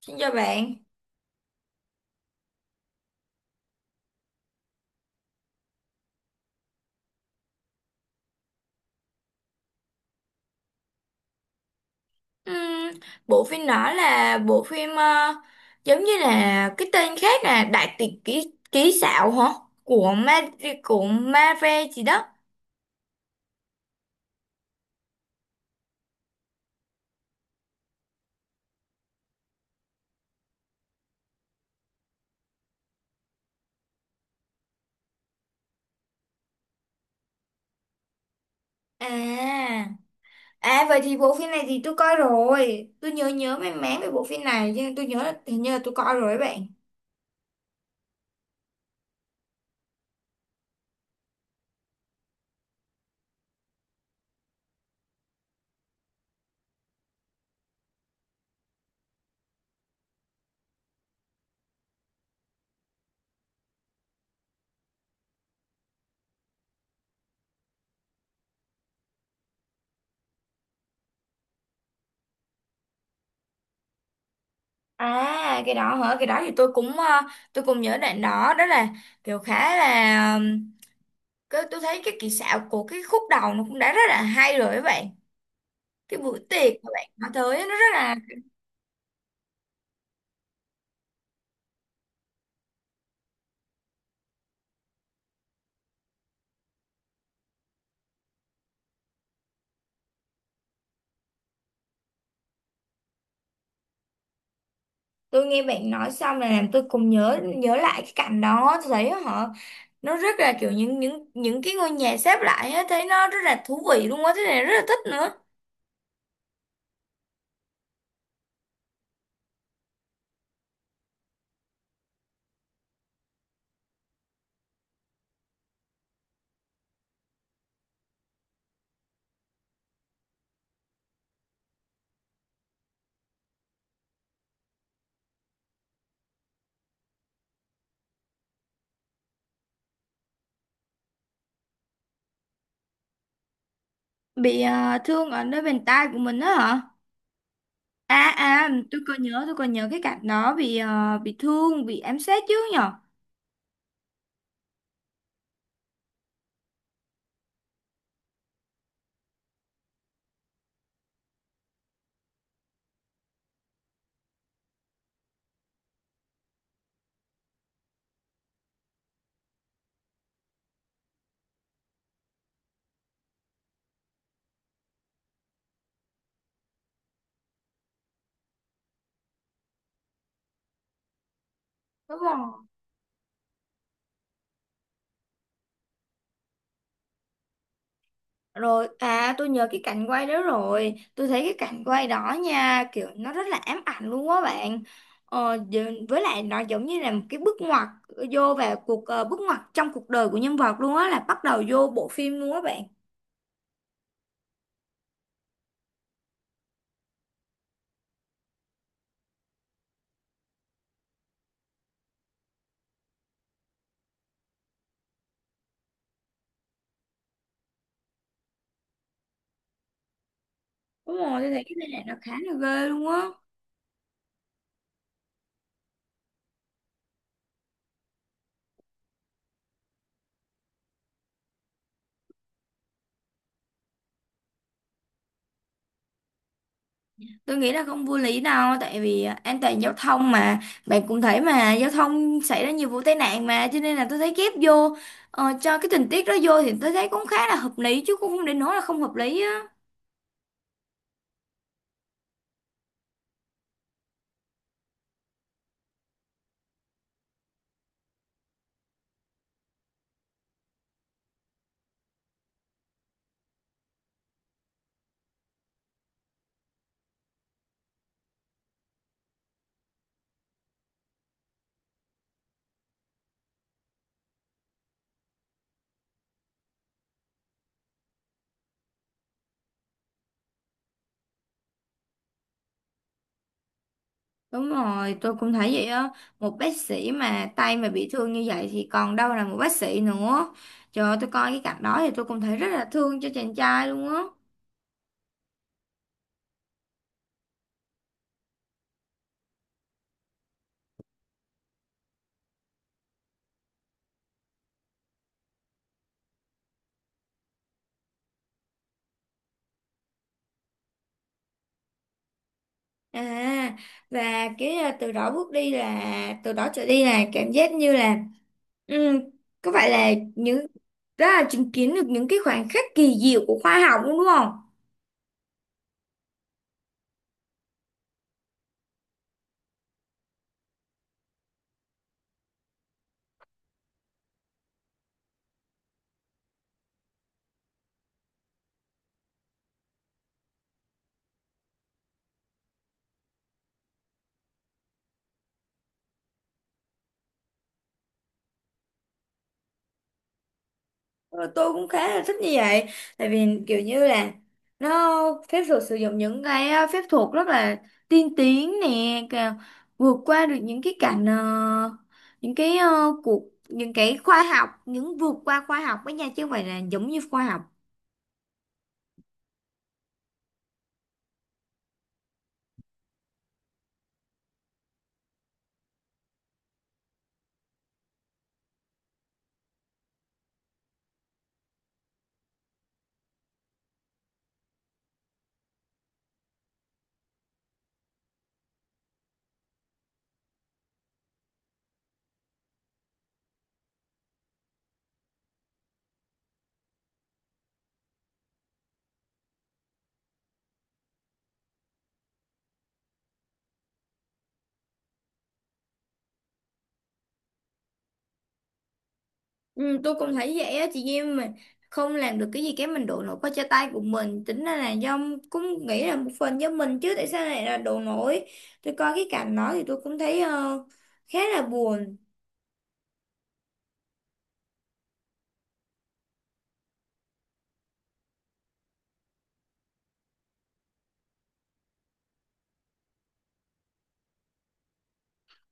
Xin chào bạn. Ừm, Bộ phim đó là bộ phim giống như là cái tên khác là Đại tiệc ký ký xạo hả? Của Ma của Marvel gì đó. À, à vậy thì bộ phim này thì tôi coi rồi. Tôi nhớ nhớ mang máng về bộ phim này, nhưng tôi nhớ là hình như là tôi coi rồi đấy bạn. À cái đó hả? Cái đó thì tôi cũng tôi cũng nhớ đoạn đó, đó là kiểu khá là cái tôi thấy cái kỹ xảo của cái khúc đầu nó cũng đã rất là hay rồi các bạn. Cái bữa tiệc mà bạn nói tới á, nó rất là tôi nghe bạn nói xong là làm tôi cùng nhớ nhớ lại cái cảnh đó. Tôi thấy họ, nó rất là kiểu những cái ngôi nhà xếp lại á, thấy nó rất là thú vị luôn á, thế này rất là thích nữa. Bị thương ở nơi bàn tay của mình á hả? À à, tôi còn nhớ cái cảnh đó, bị bị thương, bị ám sát chứ nhở. Đúng rồi. Rồi, à tôi nhớ cái cảnh quay đó rồi. Tôi thấy cái cảnh quay đó nha, kiểu nó rất là ám ảnh luôn á bạn. Với lại nó giống như là một cái bước ngoặt, vô vào cuộc bước ngoặt trong cuộc đời của nhân vật luôn á, là bắt đầu vô bộ phim luôn á bạn. Đúng rồi, tôi thấy cái này nó khá là ghê luôn á. Tôi nghĩ là không vô lý đâu. Tại vì à, an toàn giao thông mà. Bạn cũng thấy mà giao thông xảy ra nhiều vụ tai nạn mà, cho nên là tôi thấy ghép vô, cho cái tình tiết đó vô thì tôi thấy cũng khá là hợp lý, chứ cũng không đến nỗi là không hợp lý á. Đúng rồi, tôi cũng thấy vậy á. Một bác sĩ mà tay mà bị thương như vậy thì còn đâu là một bác sĩ nữa. Trời ơi, tôi coi cái cảnh đó thì tôi cũng thấy rất là thương cho chàng trai luôn á. À, và cái à, từ đó bước đi là, từ đó trở đi là cảm giác như là, ừ, có phải là những, đó là chứng kiến được những cái khoảnh khắc kỳ diệu của khoa học luôn đúng không? Ờ, tôi cũng khá là thích như vậy, tại vì kiểu như là nó phép thuật sử dụng những cái phép thuật rất là tiên tiến nè, cả- vượt qua được những cái cảnh những cái cuộc những cái khoa học, những vượt qua khoa học với nhau chứ không phải là giống như khoa học. Ừ, tôi cũng thấy vậy á. Chị em mình không làm được cái gì cái mình đổ lỗi qua cho tay của mình, tính ra là do cũng nghĩ là một phần do mình chứ tại sao lại là đổ lỗi. Tôi coi cái cảnh đó thì tôi cũng thấy khá là buồn.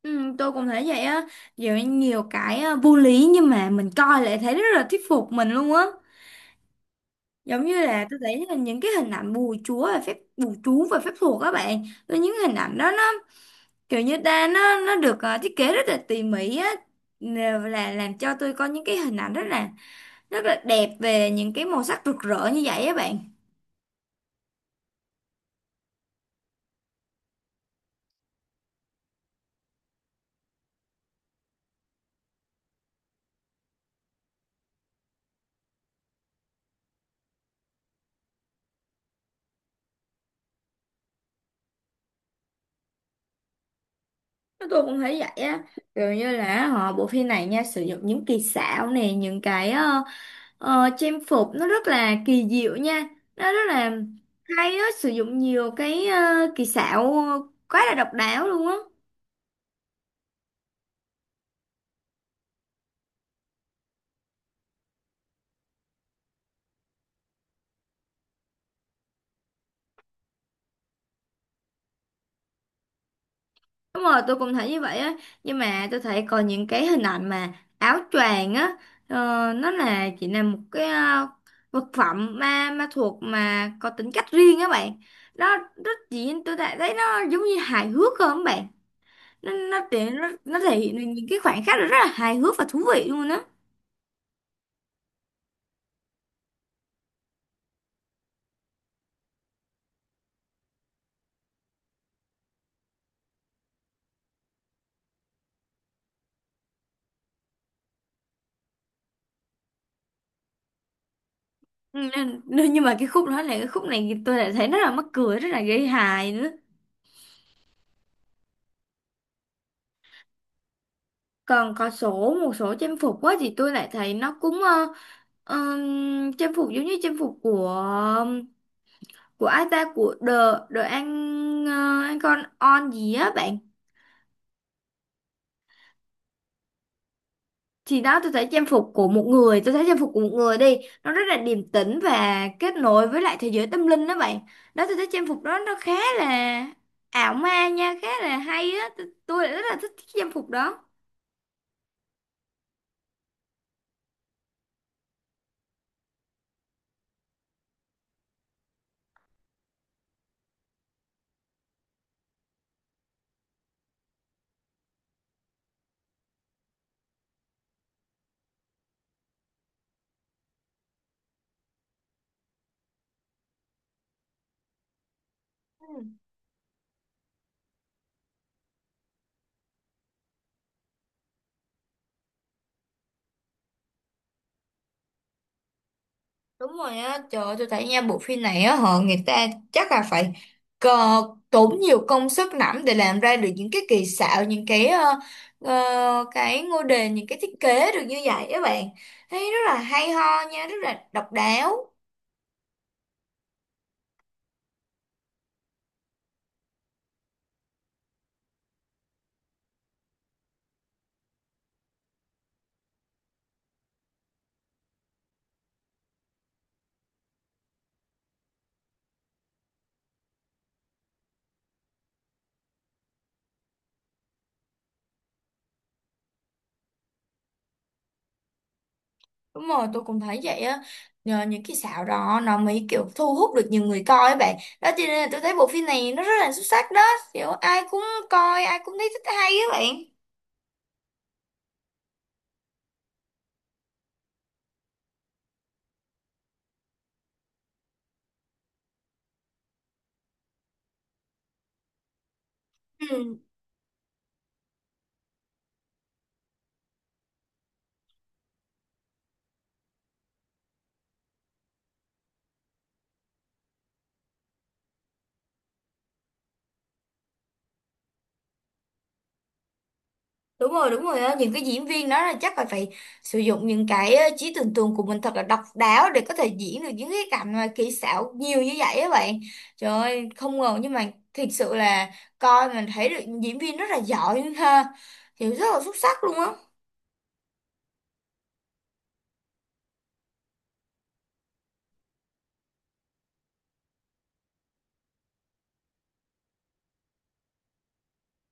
Ừ, tôi cũng thấy vậy á. Giờ nhiều cái à, vô lý nhưng mà mình coi lại thấy rất là thuyết phục mình luôn á, giống như là tôi thấy là những cái hình ảnh bùa chúa và phép bùa chú và phép thuật các bạn, tôi những hình ảnh đó nó kiểu như ta, nó được à, thiết kế rất là tỉ mỉ á. Nè, là làm cho tôi có những cái hình ảnh rất là đẹp về những cái màu sắc rực rỡ như vậy á bạn. Tôi cũng thấy vậy á, kiểu như là họ bộ phim này nha sử dụng những kỳ xảo này, những cái à, ờ, trang phục nó rất là kỳ diệu nha, nó rất là hay á, sử dụng nhiều cái kỳ xảo quá là độc đáo luôn á. Đúng rồi tôi cũng thấy như vậy á, nhưng mà tôi thấy còn những cái hình ảnh mà áo choàng á, ờ, nó là chỉ là một cái vật phẩm ma ma thuộc mà có tính cách riêng á bạn. Nó rất chỉ tôi đã thấy nó giống như hài hước không bạn? Nó thể hiện được những cái khoảnh khắc rất là hài hước và thú vị luôn á. Ừ, nên, nên nhưng mà cái khúc đó là cái khúc này tôi lại thấy rất là mắc cười, rất là gây hài nữa. Còn có số một số trang phục quá thì tôi lại thấy nó cũng trang phục giống như trang phục của ai ta, của The The An An con on gì á bạn. Thì đó tôi thấy trang phục của một người, tôi thấy trang phục của một người đi nó rất là điềm tĩnh và kết nối với lại thế giới tâm linh đó bạn. Đó tôi thấy trang phục đó nó khá là ảo ma nha, khá là hay á, tôi lại rất là thích cái trang phục đó. Ừ, đúng rồi á, trời ơi, tôi thấy nha bộ phim này á họ người ta chắc là phải cờ, tốn nhiều công sức lắm để làm ra được những cái kỳ xạo, những cái cái ngôi đền, những cái thiết kế được như vậy các bạn. Thấy rất là hay ho nha, rất là độc đáo. Đúng rồi, tôi cũng thấy vậy á. Nhờ những cái xạo đó nó mới kiểu thu hút được nhiều người coi các bạn. Đó cho nên là tôi thấy bộ phim này nó rất là xuất sắc đó. Kiểu ai cũng coi, ai cũng thấy thích hay các bạn. Ừ. Đúng rồi á, những cái diễn viên đó là chắc là phải sử dụng những cái trí tưởng tượng của mình thật là độc đáo để có thể diễn được những cái cảnh mà kỹ xảo nhiều như vậy á bạn. Trời ơi không ngờ, nhưng mà thiệt sự là coi mình thấy được diễn viên rất là giỏi ha, hiểu rất là xuất sắc luôn á.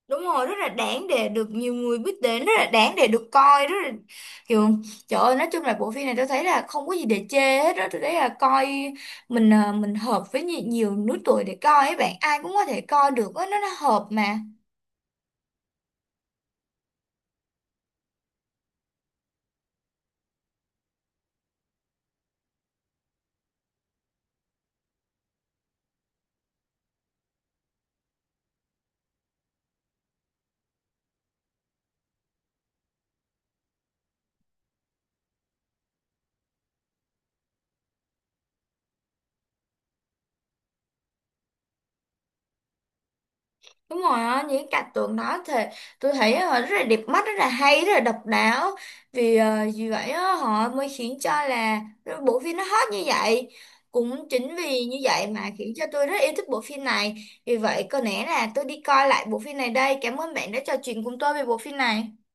Đúng rồi, rất là đáng để được nhiều người biết đến, rất là đáng để được coi, rất là kiểu trời ơi, nói chung là bộ phim này tôi thấy là không có gì để chê hết đó. Tôi thấy là coi mình à, mình hợp với nhiều lứa tuổi để coi ấy bạn, ai cũng có thể coi được á, nó hợp mà. Đúng rồi á, những cái cảnh tượng đó thì tôi thấy họ rất là đẹp mắt, rất là hay, rất là độc đáo. Vì vì vậy á, họ mới khiến cho là bộ phim nó hot như vậy. Cũng chính vì như vậy mà khiến cho tôi rất yêu thích bộ phim này. Vì vậy có lẽ là tôi đi coi lại bộ phim này đây. Cảm ơn bạn đã trò chuyện cùng tôi về bộ phim này.